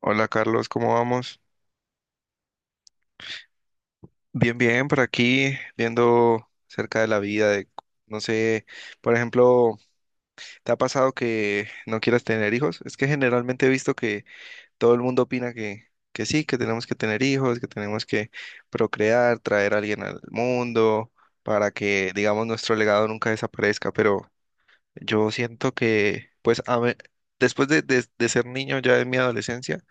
Hola Carlos, ¿cómo vamos? Bien, bien, por aquí viendo cerca de la vida, de, no sé, por ejemplo, ¿te ha pasado que no quieras tener hijos? Es que generalmente he visto que todo el mundo opina que sí, que tenemos que tener hijos, que tenemos que procrear, traer a alguien al mundo para que, digamos, nuestro legado nunca desaparezca. Pero yo siento que, pues, a ver, después de ser niño ya en mi adolescencia,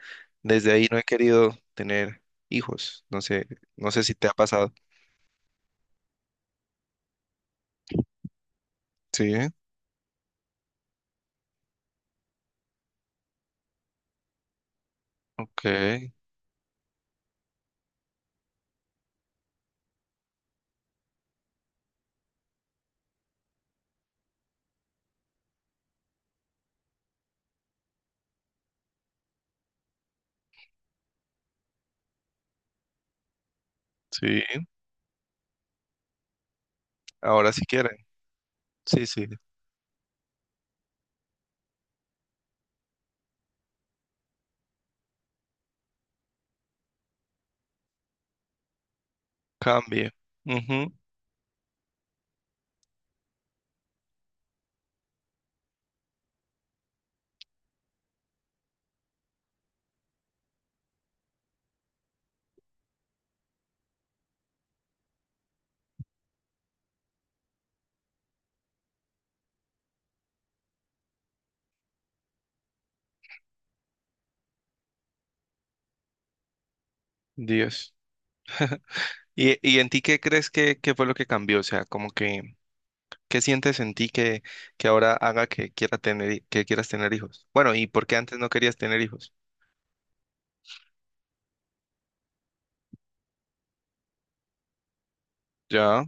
desde ahí no he querido tener hijos. No sé, no sé si te ha pasado. Sí, ok, sí, ahora sí quieren. Sí, sí, cambia. Ujú. Dios. Y en ti qué crees que fue lo que cambió? O sea, como que, ¿qué sientes en ti que ahora haga que quiera tener, que quieras tener hijos? Bueno, ¿y por qué antes no querías tener hijos? Ya,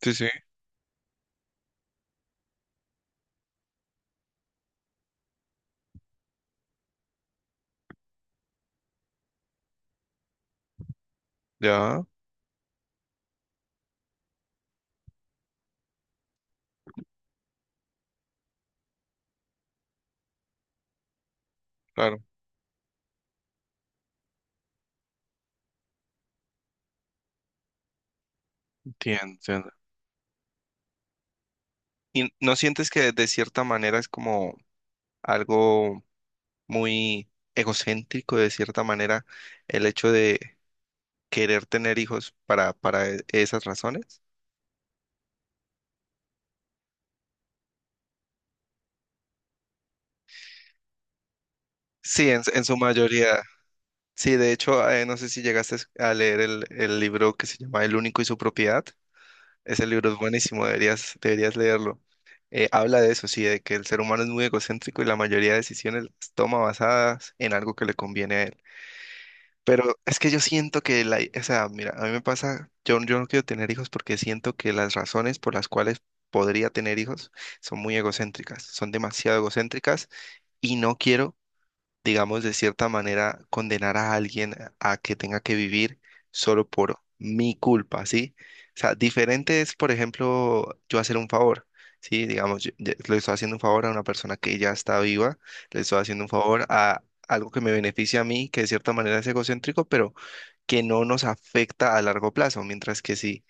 sí, sí, ya, claro, entiendo. ¿Y no sientes que de cierta manera es como algo muy egocéntrico, de cierta manera, el hecho de querer tener hijos para, para esas razones? Sí, en su mayoría. Sí, de hecho, no sé si llegaste a leer el libro que se llama El único y su propiedad. Ese libro es buenísimo, deberías, deberías leerlo. Habla de eso, sí, de que el ser humano es muy egocéntrico y la mayoría de decisiones las toma basadas en algo que le conviene a él. Pero es que yo siento que la, o sea, mira, a mí me pasa, yo no quiero tener hijos porque siento que las razones por las cuales podría tener hijos son muy egocéntricas, son demasiado egocéntricas y no quiero, digamos, de cierta manera condenar a alguien a que tenga que vivir solo por mi culpa, ¿sí? O sea, diferente es, por ejemplo, yo hacer un favor, ¿sí? Digamos, yo le estoy haciendo un favor a una persona que ya está viva, le estoy haciendo un favor a... algo que me beneficia a mí, que de cierta manera es egocéntrico, pero que no nos afecta a largo plazo, mientras que si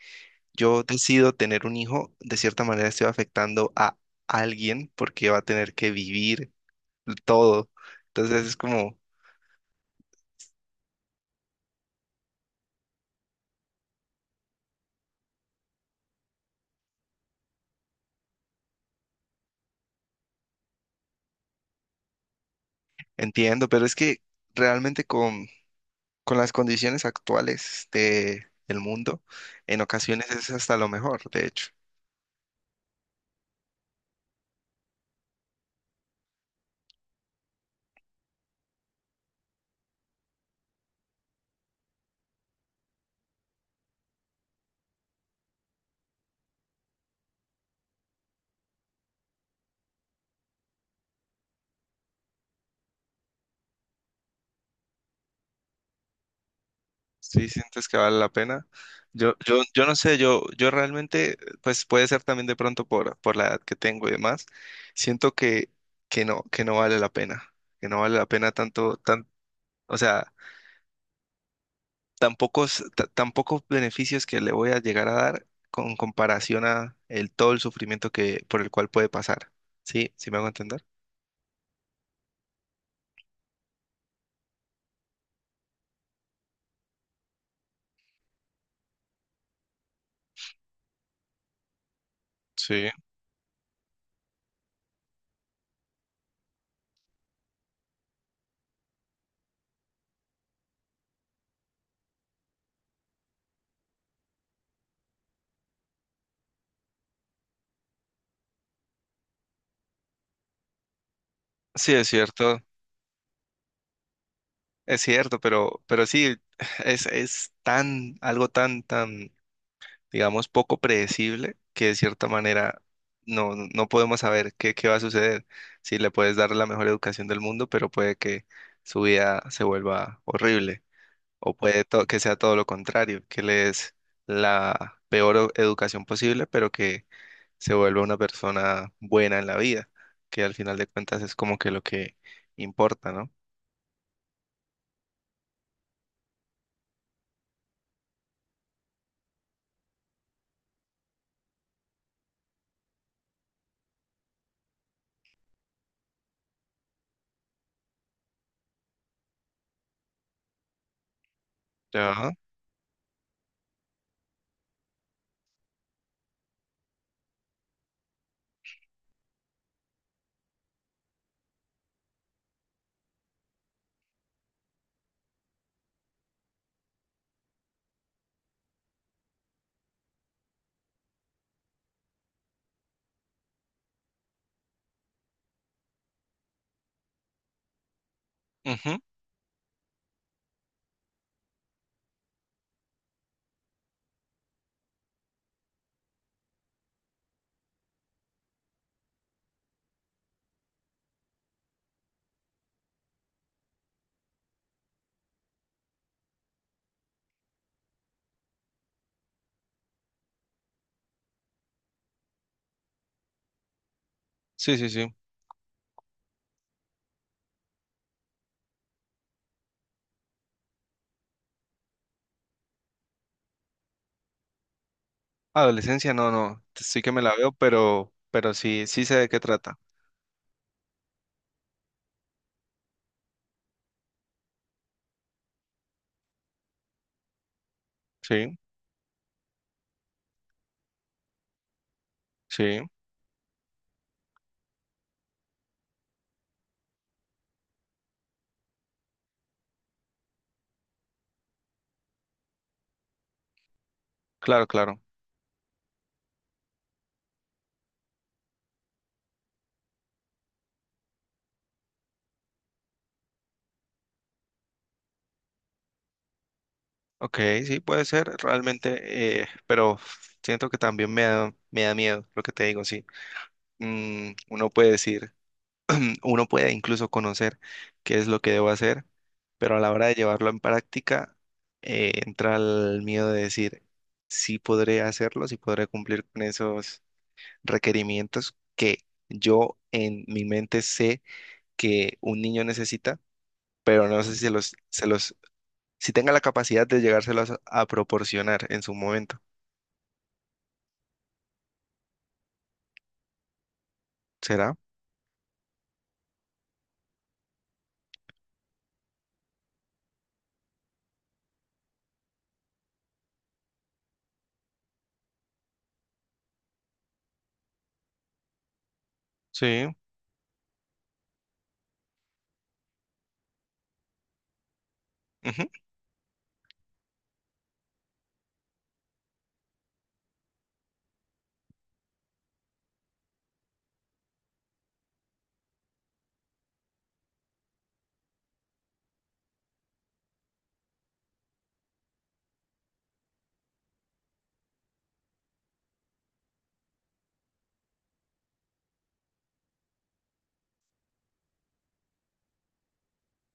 yo decido tener un hijo, de cierta manera estoy afectando a alguien porque va a tener que vivir todo. Entonces es como, entiendo, pero es que realmente con las condiciones actuales de, del mundo, en ocasiones es hasta lo mejor, de hecho. Sí, sientes que vale la pena. Yo no sé, yo realmente, pues puede ser también de pronto por la edad que tengo y demás, siento que no vale la pena, que no vale la pena tanto, tan, o sea, tan pocos, tan pocos beneficios que le voy a llegar a dar con comparación a el, todo el sufrimiento que, por el cual puede pasar. ¿Sí? ¿Sí me hago entender? Sí, sí, es cierto, pero sí, es tan, algo tan, tan digamos, poco predecible, que de cierta manera no, no podemos saber qué, qué va a suceder. Si le puedes dar la mejor educación del mundo, pero puede que su vida se vuelva horrible, o puede que sea todo lo contrario, que le des la peor educación posible, pero que se vuelva una persona buena en la vida, que al final de cuentas es como que lo que importa, ¿no? Ajá. Ujú. Sí, sí, sí. Adolescencia, no, no, sí que me la veo, pero sí, sí sé de qué trata. Sí. Sí, claro, claro. Ok, sí, puede ser realmente, pero siento que también me da miedo lo que te digo, sí. Mm, uno puede decir, uno puede incluso conocer qué es lo que debo hacer, pero a la hora de llevarlo en práctica, entra el miedo de decir, sí podré hacerlo, sí podré cumplir con esos requerimientos que yo en mi mente sé que un niño necesita, pero no sé si los, se los si tenga la capacidad de llegárselas a proporcionar en su momento. ¿Será? Sí. Ujú.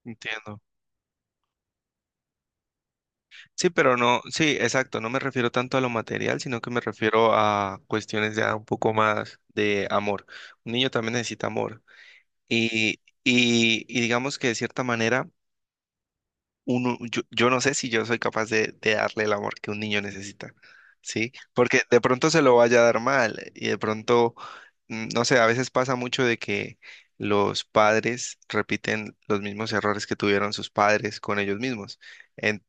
Entiendo. Sí, pero no, sí, exacto. No me refiero tanto a lo material, sino que me refiero a cuestiones ya un poco más de amor. Un niño también necesita amor. Y digamos que de cierta manera uno, yo no sé si yo soy capaz de darle el amor que un niño necesita, ¿sí? Porque de pronto se lo vaya a dar mal y de pronto, mm, no sé, a veces pasa mucho de que los padres repiten los mismos errores que tuvieron sus padres con ellos mismos. En-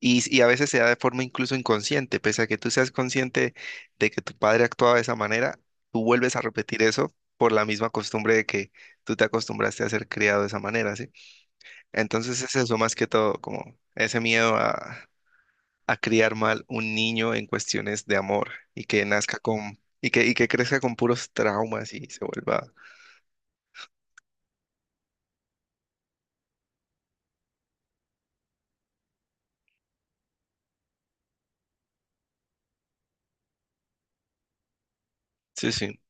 y, y a veces se da de forma incluso inconsciente, pese a que tú seas consciente de que tu padre actuaba de esa manera, tú vuelves a repetir eso por la misma costumbre de que tú te acostumbraste a ser criado de esa manera, ¿sí? Entonces es eso más que todo, como ese miedo a criar mal un niño en cuestiones de amor y que nazca con, y que crezca con puros traumas y se vuelva. Sí, sí.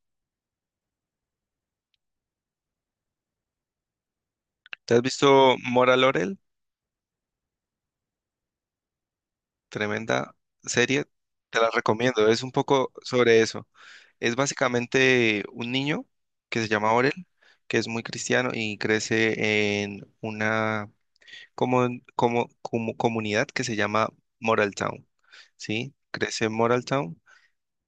¿Te has visto Mora Laurel? Tremenda serie, te la recomiendo. Es un poco sobre eso. Es básicamente un niño que se llama Orel, que es muy cristiano y crece en una como, como, como comunidad que se llama Moral Town. ¿Sí? Crece en Moral Town.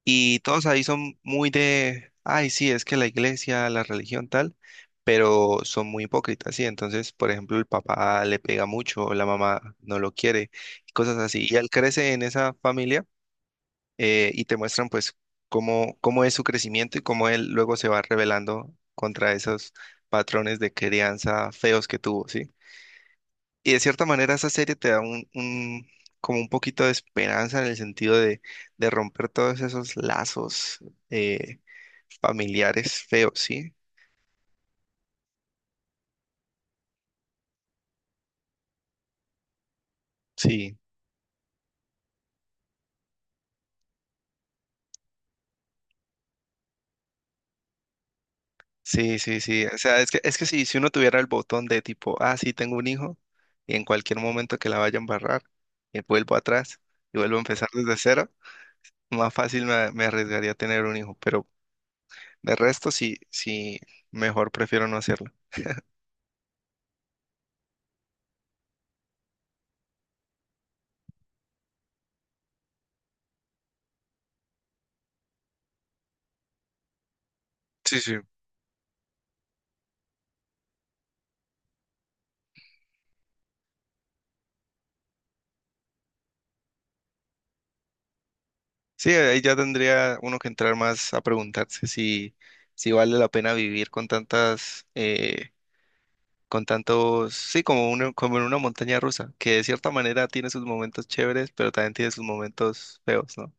Y todos ahí son muy de, ay, sí, es que la iglesia, la religión tal, pero son muy hipócritas, sí. Entonces, por ejemplo, el papá le pega mucho, la mamá no lo quiere, y cosas así. Y él crece en esa familia, y te muestran pues cómo, cómo es su crecimiento y cómo él luego se va rebelando contra esos patrones de crianza feos que tuvo, ¿sí? Y de cierta manera esa serie te da un, como un poquito de esperanza en el sentido de romper todos esos lazos eh, familiares feos, ¿sí? Sí, sí, sí, sí. O sea, es que si, si uno tuviera el botón de tipo, ah, sí, tengo un hijo, y en cualquier momento que la vaya a embarrar, vuelvo atrás y vuelvo a empezar desde cero, más fácil me, me arriesgaría a tener un hijo, pero de resto sí, sí, mejor prefiero no hacerlo. Sí, sí. Sí, ahí ya tendría uno que entrar más a preguntarse si, si vale la pena vivir con tantas, con tantos, sí, como uno, como en una montaña rusa, que de cierta manera tiene sus momentos chéveres, pero también tiene sus momentos feos, ¿no?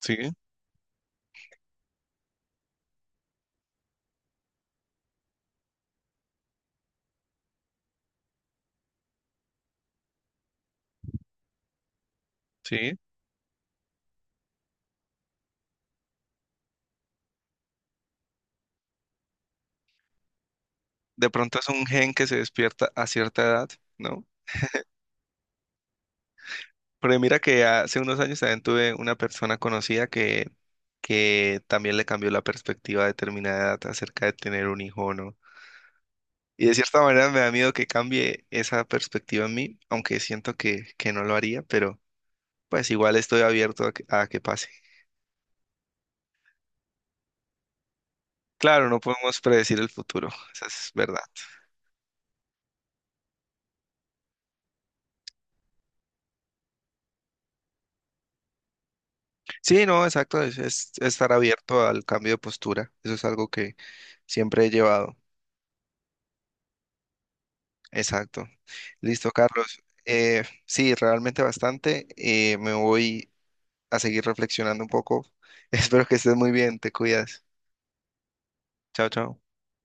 Sí, sí. De pronto es un gen que se despierta a cierta edad, ¿no? Pero mira que hace unos años también tuve una persona conocida que también le cambió la perspectiva a determinada edad acerca de tener un hijo, o ¿no? Y de cierta manera me da miedo que cambie esa perspectiva en mí, aunque siento que no lo haría, pero pues igual estoy abierto a que pase. Claro, no podemos predecir el futuro, eso es verdad. Sí, no, exacto, es estar abierto al cambio de postura, eso es algo que siempre he llevado. Exacto. Listo, Carlos. Sí, realmente bastante. Me voy a seguir reflexionando un poco. Espero que estés muy bien, te cuidas. Chao, chao.